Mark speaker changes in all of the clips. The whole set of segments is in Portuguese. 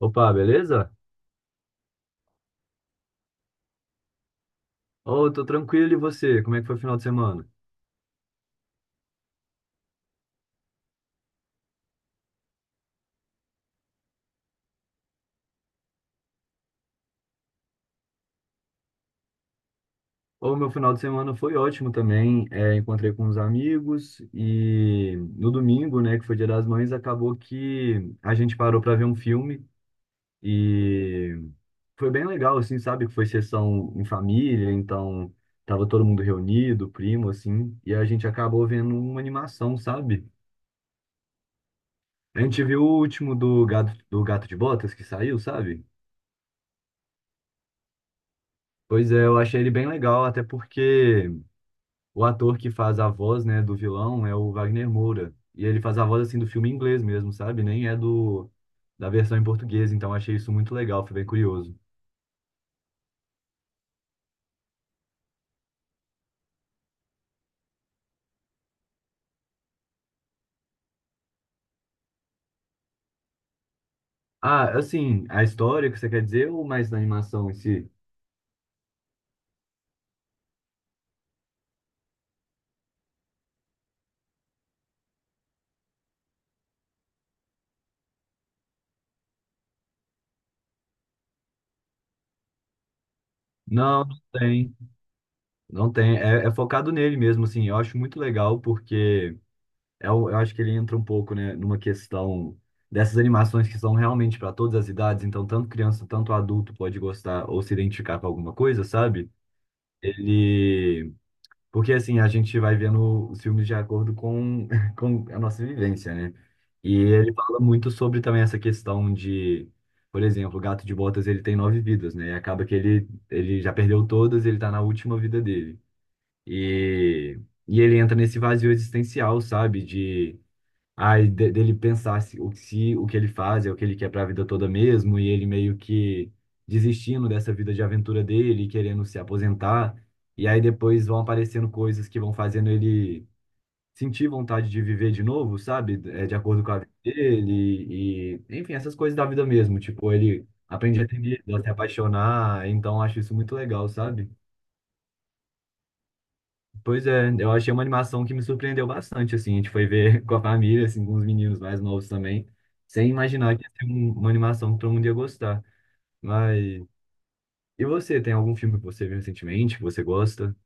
Speaker 1: Opa, beleza? Ô, tô tranquilo e você? Como é que foi o final de semana? Ô, meu final de semana foi ótimo também. É, encontrei com uns amigos e no domingo, né, que foi Dia das Mães, acabou que a gente parou para ver um filme e foi bem legal, assim, sabe? Que foi sessão em família, então tava todo mundo reunido, primo, assim, e a gente acabou vendo uma animação, sabe? A gente viu o último do Gato de Botas que saiu, sabe? Pois é, eu achei ele bem legal, até porque. O ator que faz a voz, né, do vilão é o Wagner Moura. E ele faz a voz, assim, do filme em inglês mesmo, sabe? Nem é do da versão em português, então achei isso muito legal, foi bem curioso. Ah, assim, a história que você quer dizer ou mais da animação em si? Não, não tem. Não tem. É, é focado nele mesmo, assim. Eu acho muito legal porque eu acho que ele entra um pouco, né, numa questão dessas animações que são realmente para todas as idades, então tanto criança, tanto adulto pode gostar ou se identificar com alguma coisa, sabe? Ele. Porque assim, a gente vai vendo os filmes de acordo com, com a nossa vivência, né? E ele fala muito sobre também essa questão de, por exemplo, o Gato de Botas, ele tem nove vidas, né? E acaba que ele já perdeu todas, ele tá na última vida dele. E, e ele entra nesse vazio existencial, sabe? Dele pensar se o que ele faz é o que ele quer para a vida toda mesmo, e ele meio que desistindo dessa vida de aventura dele, querendo se aposentar, e aí depois vão aparecendo coisas que vão fazendo ele sentir vontade de viver de novo, sabe? É, de acordo com a vida dele, e enfim, essas coisas da vida mesmo. Tipo, ele aprende a ter medo, a se apaixonar, então eu acho isso muito legal, sabe? Pois é, eu achei uma animação que me surpreendeu bastante, assim, a gente foi ver com a família, assim, com os meninos mais novos também, sem imaginar que ia ser uma animação que todo mundo ia gostar. Mas, e você, tem algum filme que você viu recentemente, que você gosta?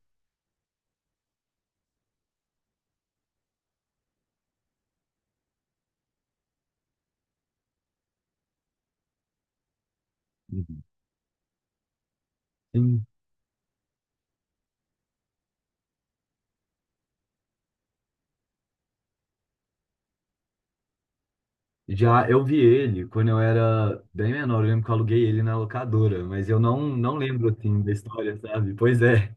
Speaker 1: Uhum. Sim. Já eu vi ele quando eu era bem menor, eu lembro que eu aluguei ele na locadora, mas eu não lembro, assim, da história, sabe? Pois é,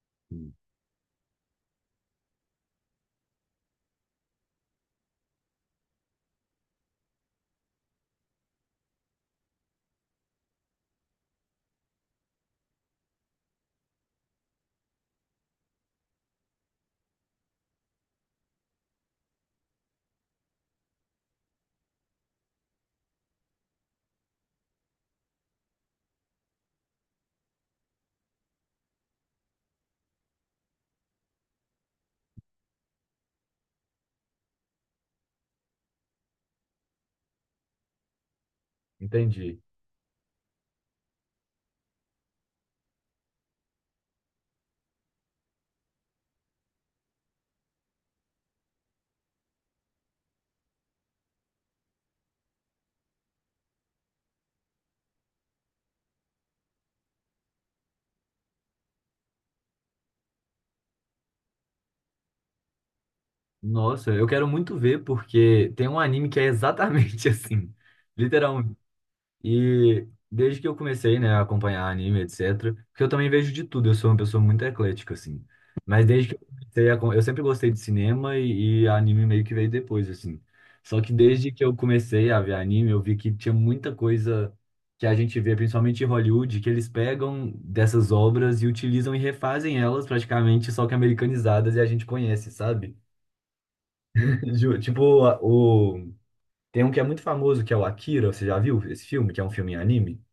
Speaker 1: sim, entendi. Nossa, eu quero muito ver, porque tem um anime que é exatamente assim. E desde que eu comecei, né, a acompanhar anime, etc, porque eu também vejo de tudo, eu sou uma pessoa muito eclética, assim. Mas desde que eu comecei Eu sempre gostei de cinema e anime meio que veio depois, assim. Só que desde que eu comecei a ver anime, eu vi que tinha muita coisa que a gente vê, principalmente em Hollywood, que eles pegam dessas obras e utilizam e refazem elas praticamente, só que americanizadas e a gente conhece, sabe? Tipo, Tem um que é muito famoso, que é o Akira, você já viu esse filme? Que é um filme em anime?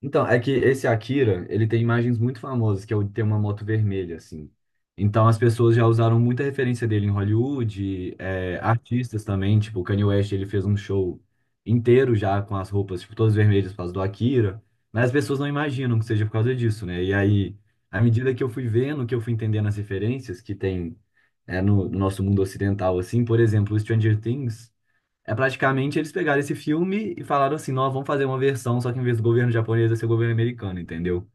Speaker 1: Então, é que esse Akira, ele tem imagens muito famosas, que é o de ter uma moto vermelha, assim. Então, as pessoas já usaram muita referência dele em Hollywood, é, artistas também, tipo, o Kanye West, ele fez um show inteiro já com as roupas, tipo, todas vermelhas por causa do Akira, mas as pessoas não imaginam que seja por causa disso, né? E aí, à medida que eu fui vendo, que eu fui entendendo as referências que tem, é, no nosso mundo ocidental, assim, por exemplo, o Stranger Things, é praticamente eles pegaram esse filme e falaram assim, nós vamos fazer uma versão, só que em vez do governo japonês vai ser o governo americano, entendeu?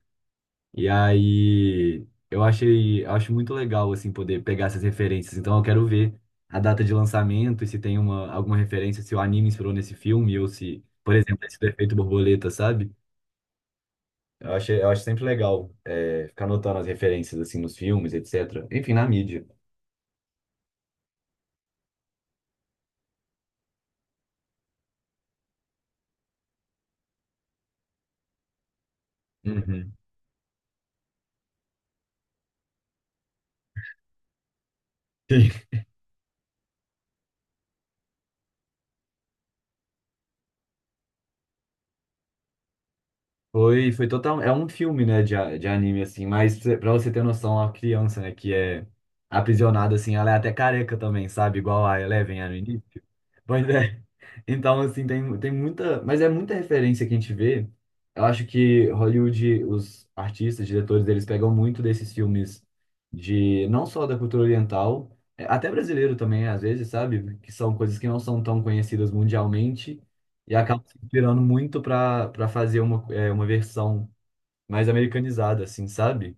Speaker 1: E aí eu achei, eu acho muito legal assim poder pegar essas referências. Então eu quero ver a data de lançamento e se tem uma alguma referência, se o anime inspirou nesse filme ou se, por exemplo, esse do efeito borboleta, sabe? Eu achei, eu acho sempre legal é, ficar notando as referências assim nos filmes, etc. Enfim, na mídia. Uhum. Foi, foi total. É um filme, né, de anime, assim, mas pra você ter noção, a criança, né, que é aprisionada, assim, ela é até careca também, sabe? Igual a Eleven, era no início. Pois é. Então, assim, tem muita. Mas é muita referência que a gente vê. Eu acho que Hollywood, os artistas, diretores, eles pegam muito desses filmes de. Não só da cultura oriental, é, até brasileiro também, às vezes, sabe? Que são coisas que não são tão conhecidas mundialmente e acabam se inspirando muito para fazer uma versão mais americanizada, assim, sabe?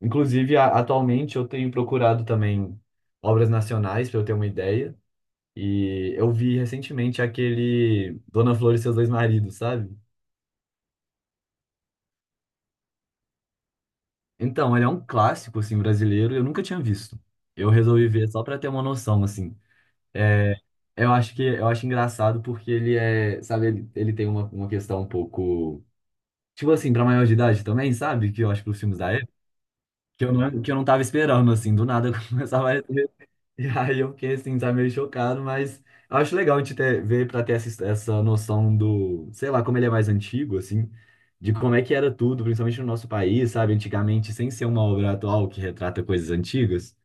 Speaker 1: Inclusive, atualmente, eu tenho procurado também obras nacionais, para eu ter uma ideia. E eu vi recentemente aquele Dona Flor e Seus Dois Maridos, sabe? Então, ele é um clássico assim brasileiro, e eu nunca tinha visto. Eu resolvi ver só pra ter uma noção assim. Eu acho que eu acho engraçado porque ele é, sabe, ele tem uma questão um pouco tipo assim, pra maior de idade também, sabe? Que eu acho que os filmes da época que eu não tava esperando assim, do nada começava a. E aí eu fiquei assim, tá meio chocado, mas eu acho legal a gente ver para ter essa noção do, sei lá, como ele é mais antigo, assim, de como é que era tudo, principalmente no nosso país, sabe, antigamente, sem ser uma obra atual que retrata coisas antigas.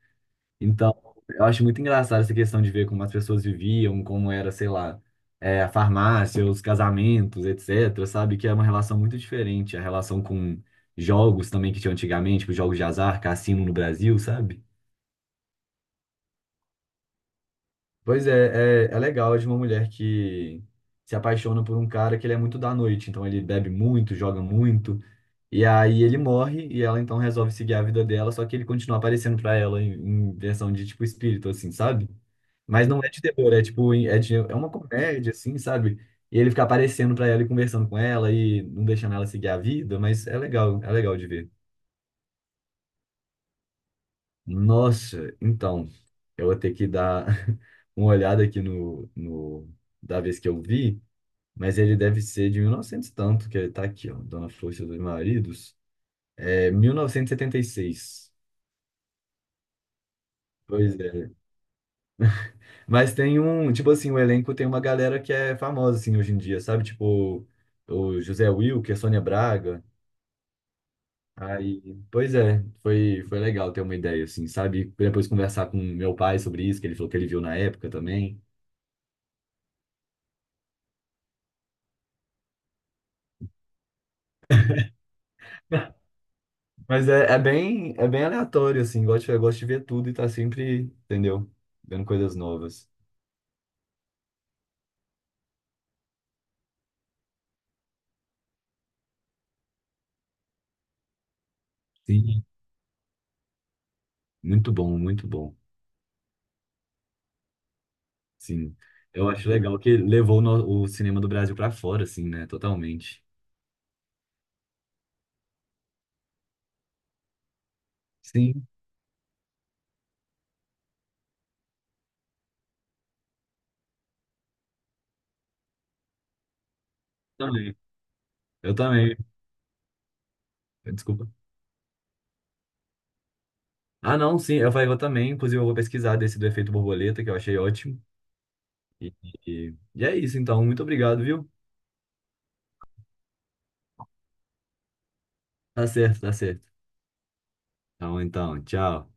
Speaker 1: Então, eu acho muito engraçado essa questão de ver como as pessoas viviam, como era, sei lá, é, a farmácia, os casamentos, etc., sabe, que é uma relação muito diferente, a relação com jogos também que tinha antigamente, tipo jogos de azar, cassino no Brasil, sabe? Pois é, é legal é de uma mulher que se apaixona por um cara que ele é muito da noite, então ele bebe muito, joga muito, e aí ele morre e ela então resolve seguir a vida dela, só que ele continua aparecendo pra ela em versão de tipo espírito, assim, sabe? Mas não é de terror, é tipo, é uma comédia, assim, sabe? E ele fica aparecendo pra ela e conversando com ela e não deixando ela seguir a vida, mas é legal de ver. Nossa, então, eu vou ter que dar uma olhada aqui no da vez que eu vi, mas ele deve ser de 1900 e novecentos e tanto, que ele tá aqui, ó, Dona Flor e Seus Dois Maridos. É 1976. Pois é. Mas tem um, tipo assim, o elenco tem uma galera que é famosa assim hoje em dia, sabe? Tipo o José Wilker, Sônia Braga. Aí, pois é, foi legal ter uma ideia assim, sabe? Depois conversar com meu pai sobre isso, que ele falou que ele viu na época também. Mas é bem aleatório, assim. Eu gosto de ver tudo e tá sempre, entendeu? Vendo coisas novas. Sim. Muito bom, muito bom. Sim. Eu acho legal que levou o cinema do Brasil pra fora, assim, né? Totalmente. Sim, também. Eu também. Desculpa. Ah, não, sim. Eu falei, eu também. Inclusive, eu vou pesquisar desse do efeito borboleta, que eu achei ótimo. E, e é isso, então. Muito obrigado, viu? Tá certo, tá certo. Então, tchau.